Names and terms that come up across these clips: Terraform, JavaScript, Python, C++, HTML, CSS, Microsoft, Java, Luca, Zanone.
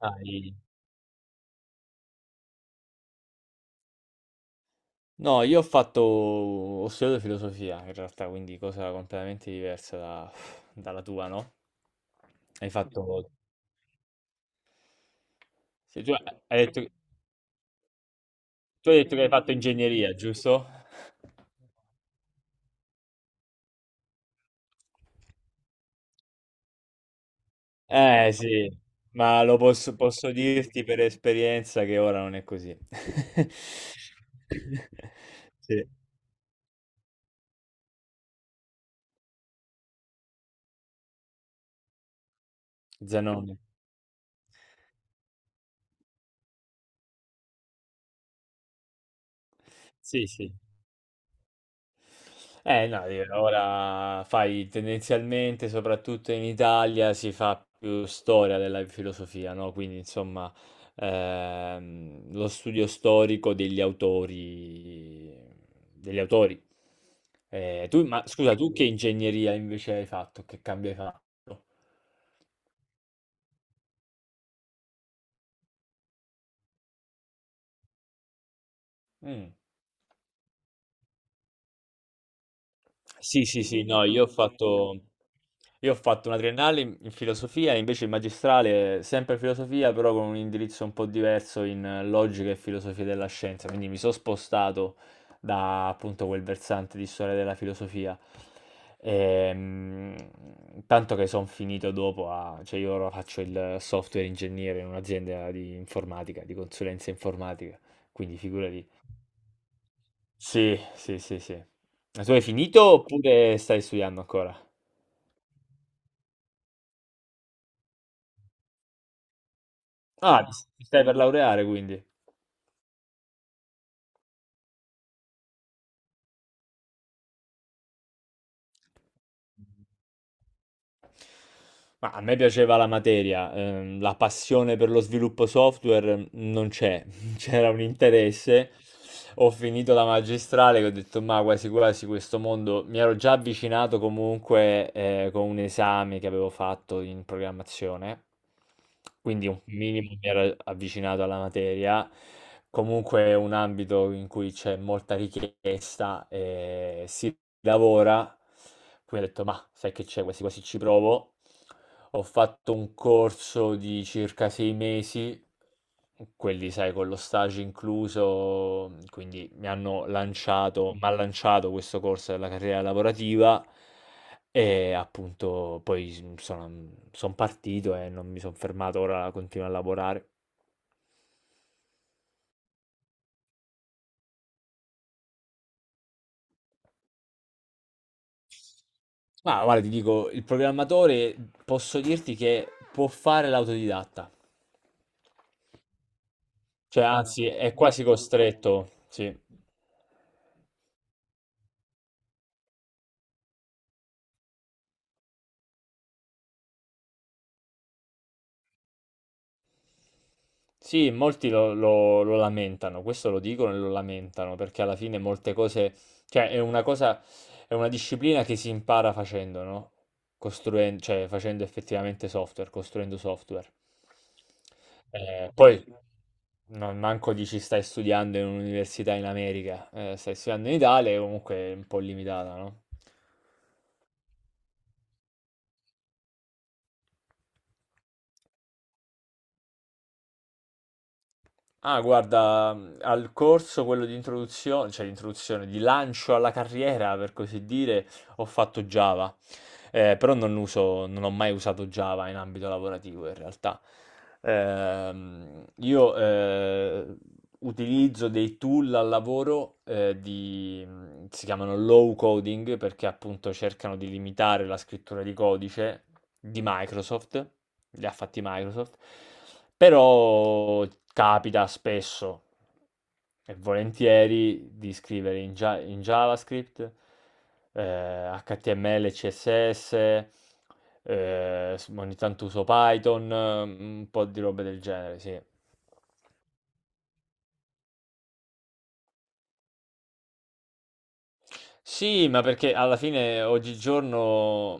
Dai. No, io ho fatto, ho studiato filosofia in realtà, quindi cosa completamente diversa dalla tua, no? Hai fatto, se tu, hai detto, Tu hai detto che hai fatto ingegneria, giusto? Eh sì, ma posso dirti per esperienza che ora non è così. Sì. Zanone. Sì, sì. Eh no, di ora fai tendenzialmente, soprattutto in Italia, si fa più storia della filosofia, no? Quindi insomma lo studio storico degli autori. Ma scusa, tu che ingegneria invece hai fatto? Che cambio hai fatto? Mm. Sì, sì, sì, no, io ho fatto una triennale in filosofia, invece il magistrale sempre filosofia, però con un indirizzo un po' diverso in logica e filosofia della scienza, quindi mi sono spostato da appunto quel versante di storia della filosofia. Ehm, Tanto che sono finito dopo cioè io ora faccio il software ingegnere in un'azienda di informatica, di consulenza informatica, quindi figurati, sì, sì, sì, sì. Ma tu hai finito oppure stai studiando ancora? Ah, ti stai per laureare quindi. Ma a me piaceva la materia, la passione per lo sviluppo software non c'è, c'era un interesse. Ho finito la magistrale che ho detto, ma quasi quasi questo mondo mi ero già avvicinato comunque con un esame che avevo fatto in programmazione, quindi un minimo mi ero avvicinato alla materia. Comunque è un ambito in cui c'è molta richiesta e si lavora. Quindi ho detto, ma sai che c'è, quasi quasi ci provo. Ho fatto un corso di circa sei mesi quelli sai con lo stage incluso, quindi mi hanno lanciato m'ha Mh-mh. Lanciato questo corso della carriera lavorativa e appunto poi son partito e non mi son fermato, ora continuo a lavorare. Ma guarda ti dico, il programmatore posso dirti che può fare l'autodidatta. Cioè, ah, anzi è quasi addirittura costretto, sì. Sì, molti lo lamentano, questo lo dicono e lo lamentano, perché alla fine molte cose, cioè è una cosa, è una disciplina che si impara facendo, no? Costruendo, cioè facendo effettivamente software, costruendo software. Poi non manco dici stai studiando in un'università in America, stai studiando in Italia, e comunque è un po' limitata, no? Ah, guarda, al corso quello di introduzione, cioè di introduzione, di lancio alla carriera, per così dire, ho fatto Java, però non ho mai usato Java in ambito lavorativo in realtà. Io utilizzo dei tool al lavoro si chiamano low coding perché appunto cercano di limitare la scrittura di codice di Microsoft, li ha fatti Microsoft, però capita spesso e volentieri di scrivere in JavaScript, HTML, CSS, ogni tanto uso Python, un po' di robe del genere, sì. Sì, ma perché alla fine oggigiorno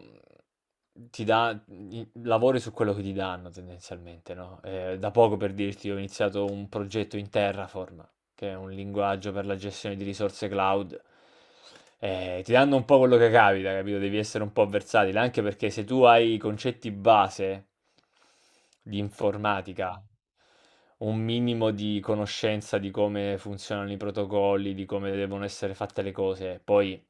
ti dà i lavori su quello che ti danno tendenzialmente, no, da poco per dirti ho iniziato un progetto in Terraform, che è un linguaggio per la gestione di risorse cloud. Ti danno un po' quello che capita, capito? Devi essere un po' versatile, anche perché se tu hai i concetti base di informatica, un minimo di conoscenza di come funzionano i protocolli, di come devono essere fatte le cose, poi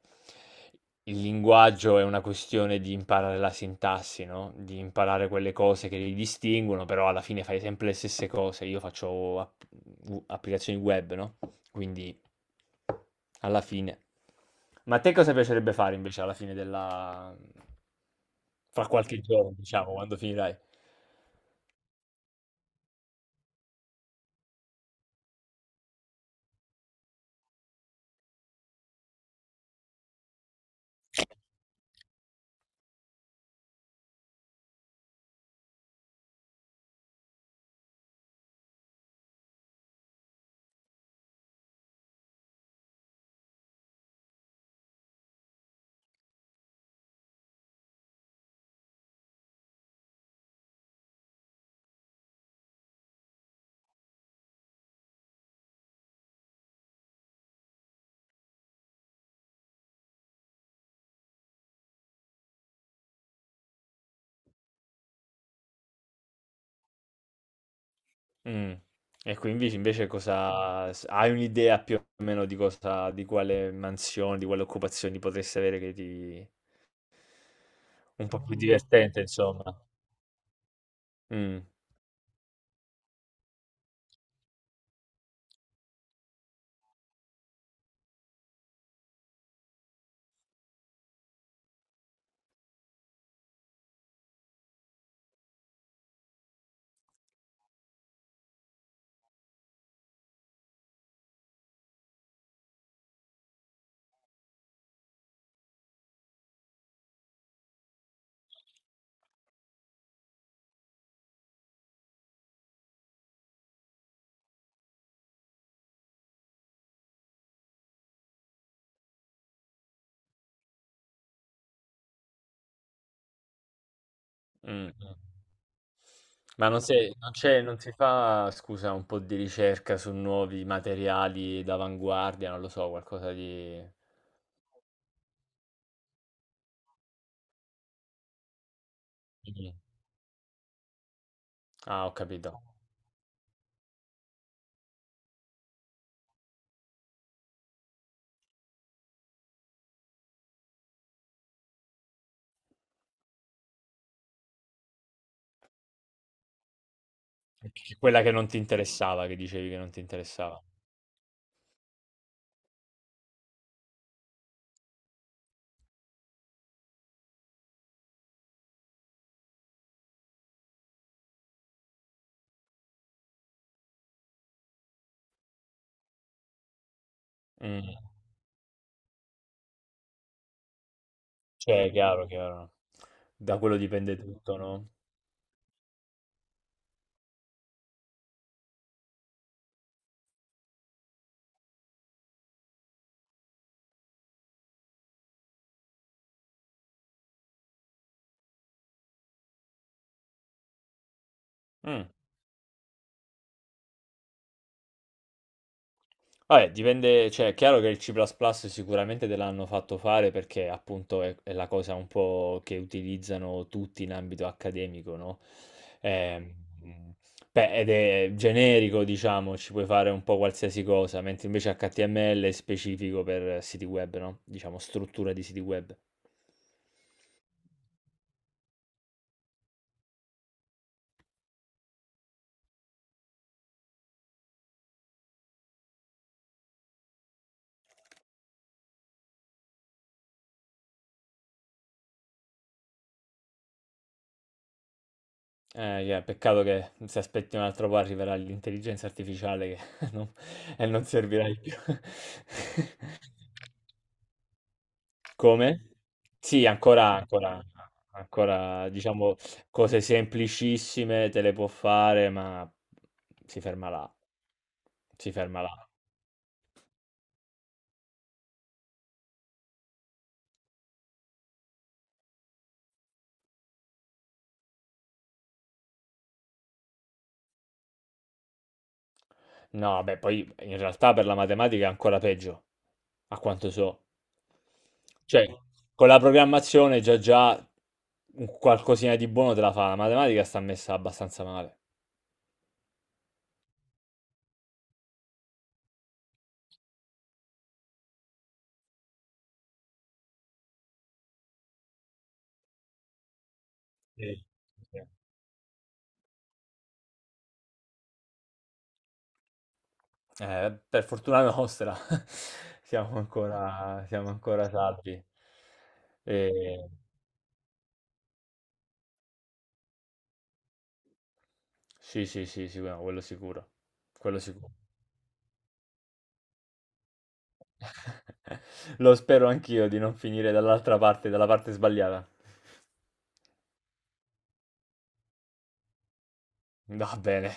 il linguaggio è una questione di imparare la sintassi, no, di imparare quelle cose che li distinguono, però alla fine fai sempre le stesse cose. Io faccio applicazioni web, no, quindi alla fine. Ma a te cosa piacerebbe fare invece alla fine della fra qualche giorno, diciamo, quando finirai? Mm. E quindi invece hai un'idea più o meno di cosa, di quale mansione, di quale occupazione potresti avere che ti. Un po' più, capito? Divertente, insomma. Mh, mh, mh. Ma non sei non c'è non si fa, scusa, un po' di ricerca su nuovi materiali d'avanguardia, non lo so, qualcosa di mh-mh. Ah, ho capito. C Quella che non ti interessava, che dicevi che non ti interessava. Mh, cioè è chiaro, chiaro. Da quello dipende tutto, no? Mh. Vabbè, dipende, cioè è chiaro che il C++ sicuramente te l'hanno fatto fare perché appunto è la cosa un po' che utilizzano tutti in ambito accademico, no? Ehm, Beh, ed è generico, diciamo, ci puoi fare un po' qualsiasi cosa, mentre invece HTML è specifico per siti web, no? Diciamo, struttura di siti web. Yeah, peccato che se aspetti un altro po' arriverà l'intelligenza artificiale che non, e non servirai più. Come? Sì, ancora diciamo cose semplicissime te le può fare, ma si ferma là. Si ferma là. No, beh, poi in realtà per la matematica è ancora peggio, a quanto so. Cioè, con la programmazione già un qualcosina di buono te la fa, la matematica sta messa abbastanza male. Sì. Sì. Per fortuna nostra siamo ancora salvi. E sì, sì, sì, sì, no, quello sicuro. Quello sicuro. Lo spero anch'io di non finire dall'altra parte, dalla parte sbagliata. Va bene.